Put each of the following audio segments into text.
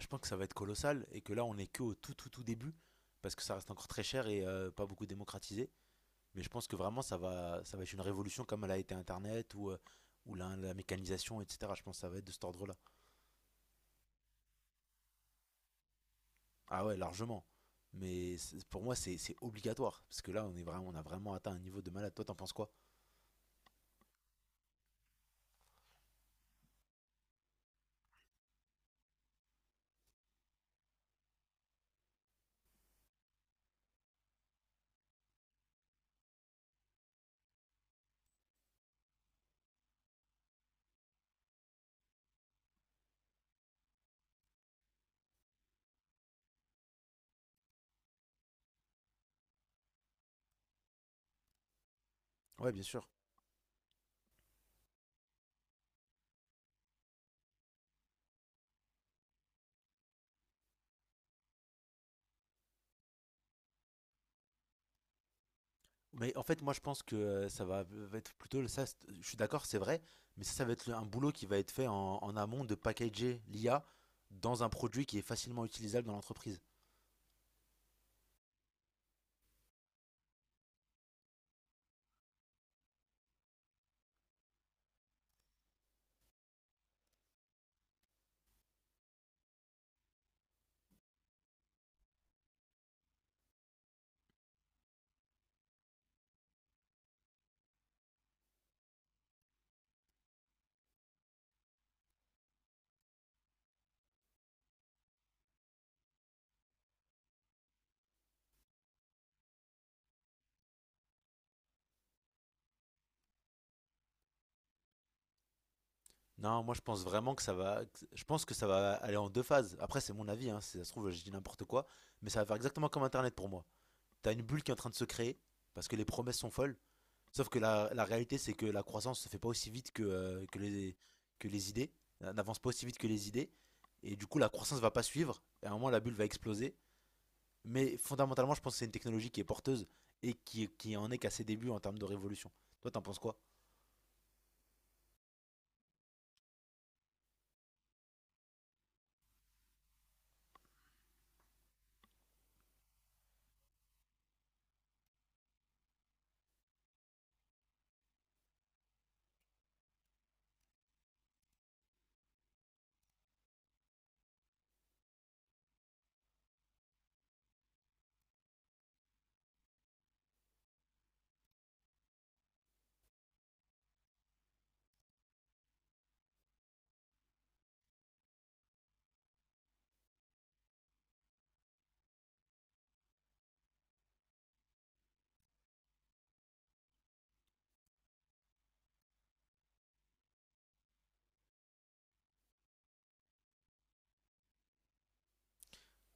Je pense que ça va être colossal et que là, on n'est que au tout, tout, tout début parce que ça reste encore très cher et pas beaucoup démocratisé. Mais je pense que vraiment, ça va être une révolution comme elle a été Internet ou ou la mécanisation, etc. Je pense que ça va être de cet ordre-là. Ah ouais, largement. Mais pour moi, c'est obligatoire parce que là, on, est vraiment, on a vraiment atteint un niveau de malade. Toi, t'en penses quoi? Ouais, bien sûr. Mais en fait, moi, je pense que ça va être plutôt le- ça. C'est- Je suis d'accord, c'est vrai, mais ça va être un boulot qui va être fait en amont de packager l'IA dans un produit qui est facilement utilisable dans l'entreprise. Non, moi, je pense vraiment que Je pense que ça va aller en 2 phases. Après, c'est mon avis, hein, si ça se trouve, je dis n'importe quoi, mais ça va faire exactement comme Internet pour moi. T'as une bulle qui est en train de se créer parce que les promesses sont folles. Sauf que la réalité, c'est que la croissance se fait pas aussi vite que que les idées, n'avance pas aussi vite que les idées. Et du coup, la croissance va pas suivre. Et à un moment, la bulle va exploser. Mais fondamentalement, je pense que c'est une technologie qui est porteuse et qui en est qu'à ses débuts en termes de révolution. Toi, t'en penses quoi?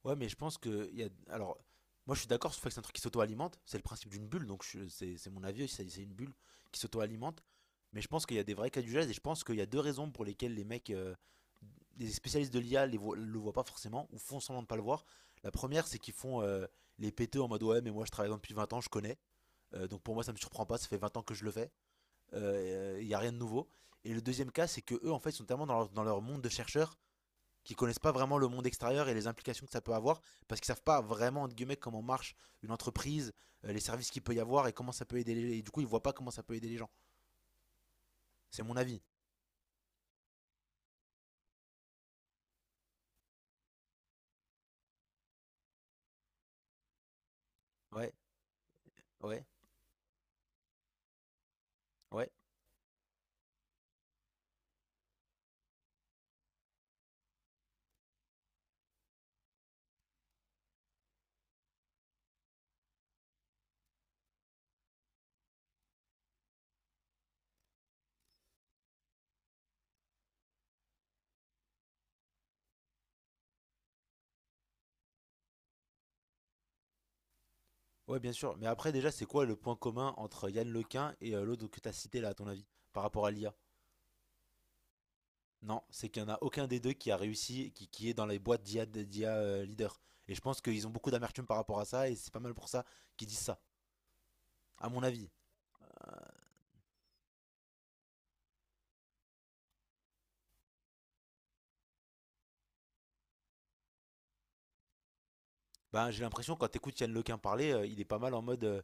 Ouais, mais je pense que il y a. Alors, moi, je suis d'accord sur le fait que c'est un truc qui s'auto-alimente. C'est le principe d'une bulle, c'est mon avis aussi. C'est une bulle qui s'auto-alimente. Mais je pense qu'il y a des vrais cas d'usage et je pense qu'il y a deux raisons pour lesquelles les mecs les spécialistes de l'IA ne le voient pas forcément ou font semblant de ne pas le voir. La première, c'est qu'ils font les péteux en mode ouais, mais moi je travaille dans depuis 20 ans, je connais. Donc pour moi, ça me surprend pas, ça fait 20 ans que je le fais. Il n'y a rien de nouveau. Et le deuxième cas, c'est que eux, en fait, sont tellement dans dans leur monde de chercheurs qui connaissent pas vraiment le monde extérieur et les implications que ça peut avoir parce qu'ils savent pas vraiment entre guillemets comment marche une entreprise, les services qu'il peut y avoir et comment ça peut aider les gens. Et du coup, ils voient pas comment ça peut aider les gens. C'est mon avis. Ouais, ouais, ouais. Ouais, bien sûr. Mais après, déjà, c'est quoi le point commun entre Yann Lequin et l'autre que t'as cité là, à ton avis, par rapport à l'IA? Non, c'est qu'il n'y en a aucun des deux qui a réussi, qui est dans les boîtes d'IA leader. Et je pense qu'ils ont beaucoup d'amertume par rapport à ça, et c'est pas mal pour ça qu'ils disent ça, à mon avis. Ben, j'ai l'impression, quand t'écoutes Yann Lequin parler, il est pas mal en mode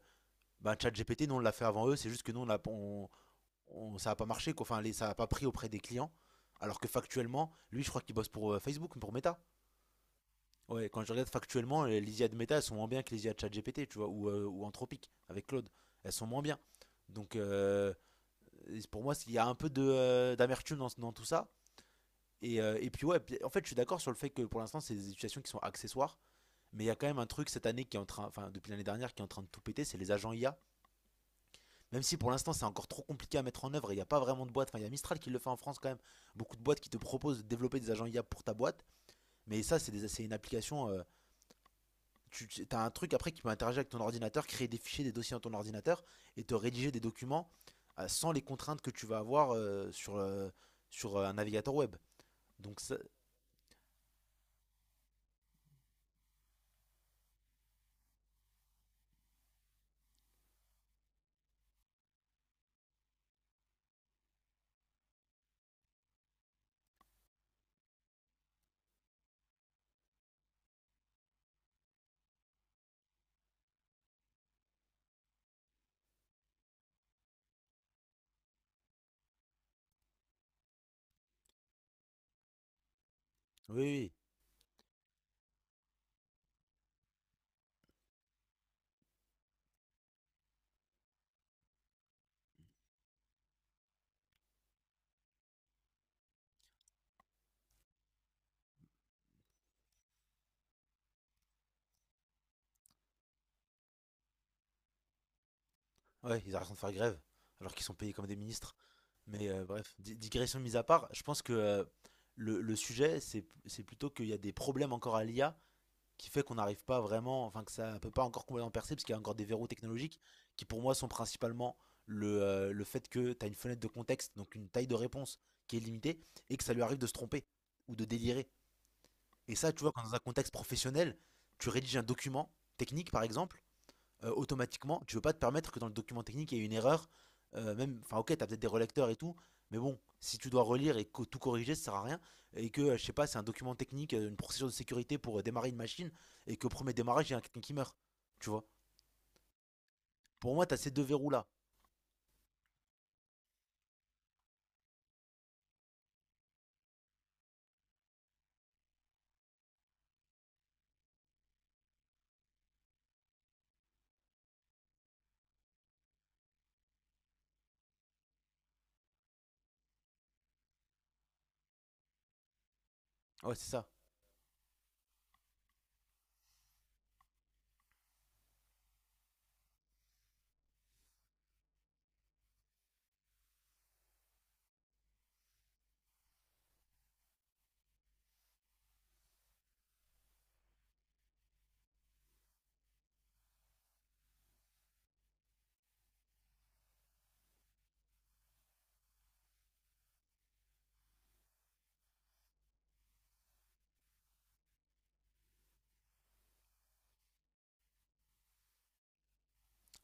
ben, ChatGPT, nous on l'a fait avant eux, c'est juste que nous on l'a, on- ça a pas marché, quoi. Enfin, ça a pas pris auprès des clients. Alors que factuellement, lui, je crois qu'il bosse pour Facebook, pour Meta. Ouais, quand je regarde factuellement, les IA de méta, elles sont moins bien que les IA de ChatGPT, tu vois, ou Anthropique, avec Claude. Elles sont moins bien. Donc, euh, pour moi, il y a un peu d'amertume dans tout ça. Et puis, ouais, puis, en fait, je suis d'accord sur le fait que pour l'instant, c'est des situations qui sont accessoires. Mais il y a quand même un truc cette année qui est en train, enfin, depuis l'année dernière, qui est en train de tout péter, c'est les agents IA. Même si pour l'instant, c'est encore trop compliqué à mettre en œuvre et il n'y a pas vraiment de boîte. Enfin, il y a Mistral qui le fait en France quand même. Beaucoup de boîtes qui te proposent de développer des agents IA pour ta boîte. Mais ça, c'est une application. Tu as un truc après qui peut interagir avec ton ordinateur, créer des fichiers, des dossiers dans ton ordinateur et te rédiger des documents sans les contraintes que tu vas avoir sur un navigateur web. Donc ça, oui, oui, oui. Ouais, ils arrêtent de faire grève alors qu'ils sont payés comme des ministres. Mais bref, digression mise à part, je pense que le sujet, c'est plutôt qu'il y a des problèmes encore à l'IA qui fait qu'on n'arrive pas vraiment, enfin que ça ne peut pas encore complètement percer, parce qu'il y a encore des verrous technologiques qui pour moi sont principalement le fait que tu as une fenêtre de contexte, donc une taille de réponse qui est limitée, et que ça lui arrive de se tromper ou de délirer. Et ça, tu vois, quand dans un contexte professionnel, tu rédiges un document technique, par exemple, automatiquement, tu veux pas te permettre que dans le document technique, il y ait une erreur. Même, enfin, ok, t'as peut-être des relecteurs et tout, mais bon, si tu dois relire et tout corriger, ça sert à rien. Et que, je sais pas, c'est un document technique, une procédure de sécurité pour démarrer une machine, et qu'au premier démarrage, il y a quelqu'un qui meurt. Tu vois? Pour moi, t'as ces deux verrous-là. Ouais, c'est ça.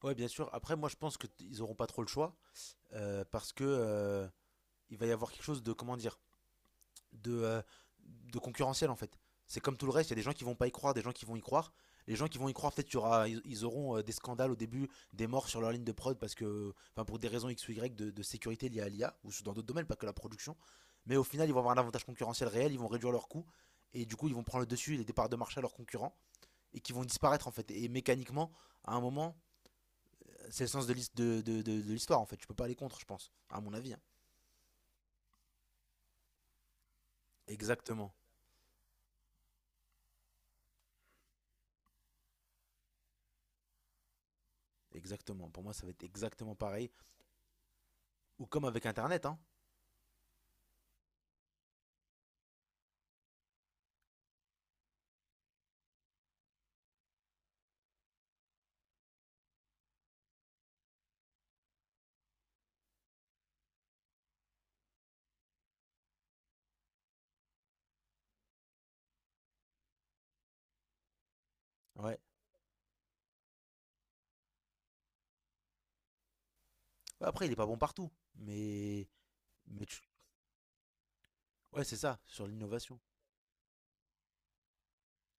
Ouais, bien sûr. Après, moi, je pense auront pas trop le choix, parce que il va y avoir quelque chose de, comment dire? de, euh, de concurrentiel en fait. C'est comme tout le reste, il y a des gens qui vont pas y croire, des gens qui vont y croire. Les gens qui vont y croire, peut-être qu'il y aura- ils- ils auront des scandales au début, des morts sur leur ligne de prod parce que, enfin, pour des raisons X ou Y de sécurité liées à l'IA ou dans d'autres domaines, pas que la production. Mais au final, ils vont avoir un avantage concurrentiel réel, ils vont réduire leurs coûts et du coup, ils vont prendre le dessus les départs de marché à leurs concurrents et qui vont disparaître en fait. Et mécaniquement, à un moment, c'est le sens de de l'histoire en fait. Tu peux pas aller contre, je pense, à mon avis, hein. Exactement, exactement. Pour moi, ça va être exactement pareil. Ou comme avec Internet, hein. Ouais. Ouais, après, il est pas bon partout, mais tu- ouais, c'est ça, sur l'innovation.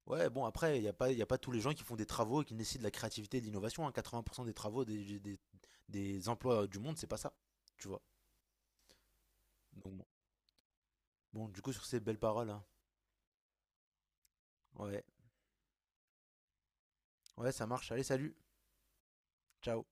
Ouais, bon, après, il n'y a pas, y a pas tous les gens qui font des travaux et qui nécessitent de la créativité et de l'innovation, hein. 80% des travaux des emplois du monde, c'est pas ça, tu vois. Donc, bon. Bon, du coup, sur ces belles paroles, hein. Ouais, ouais, ça marche. Allez, salut, ciao.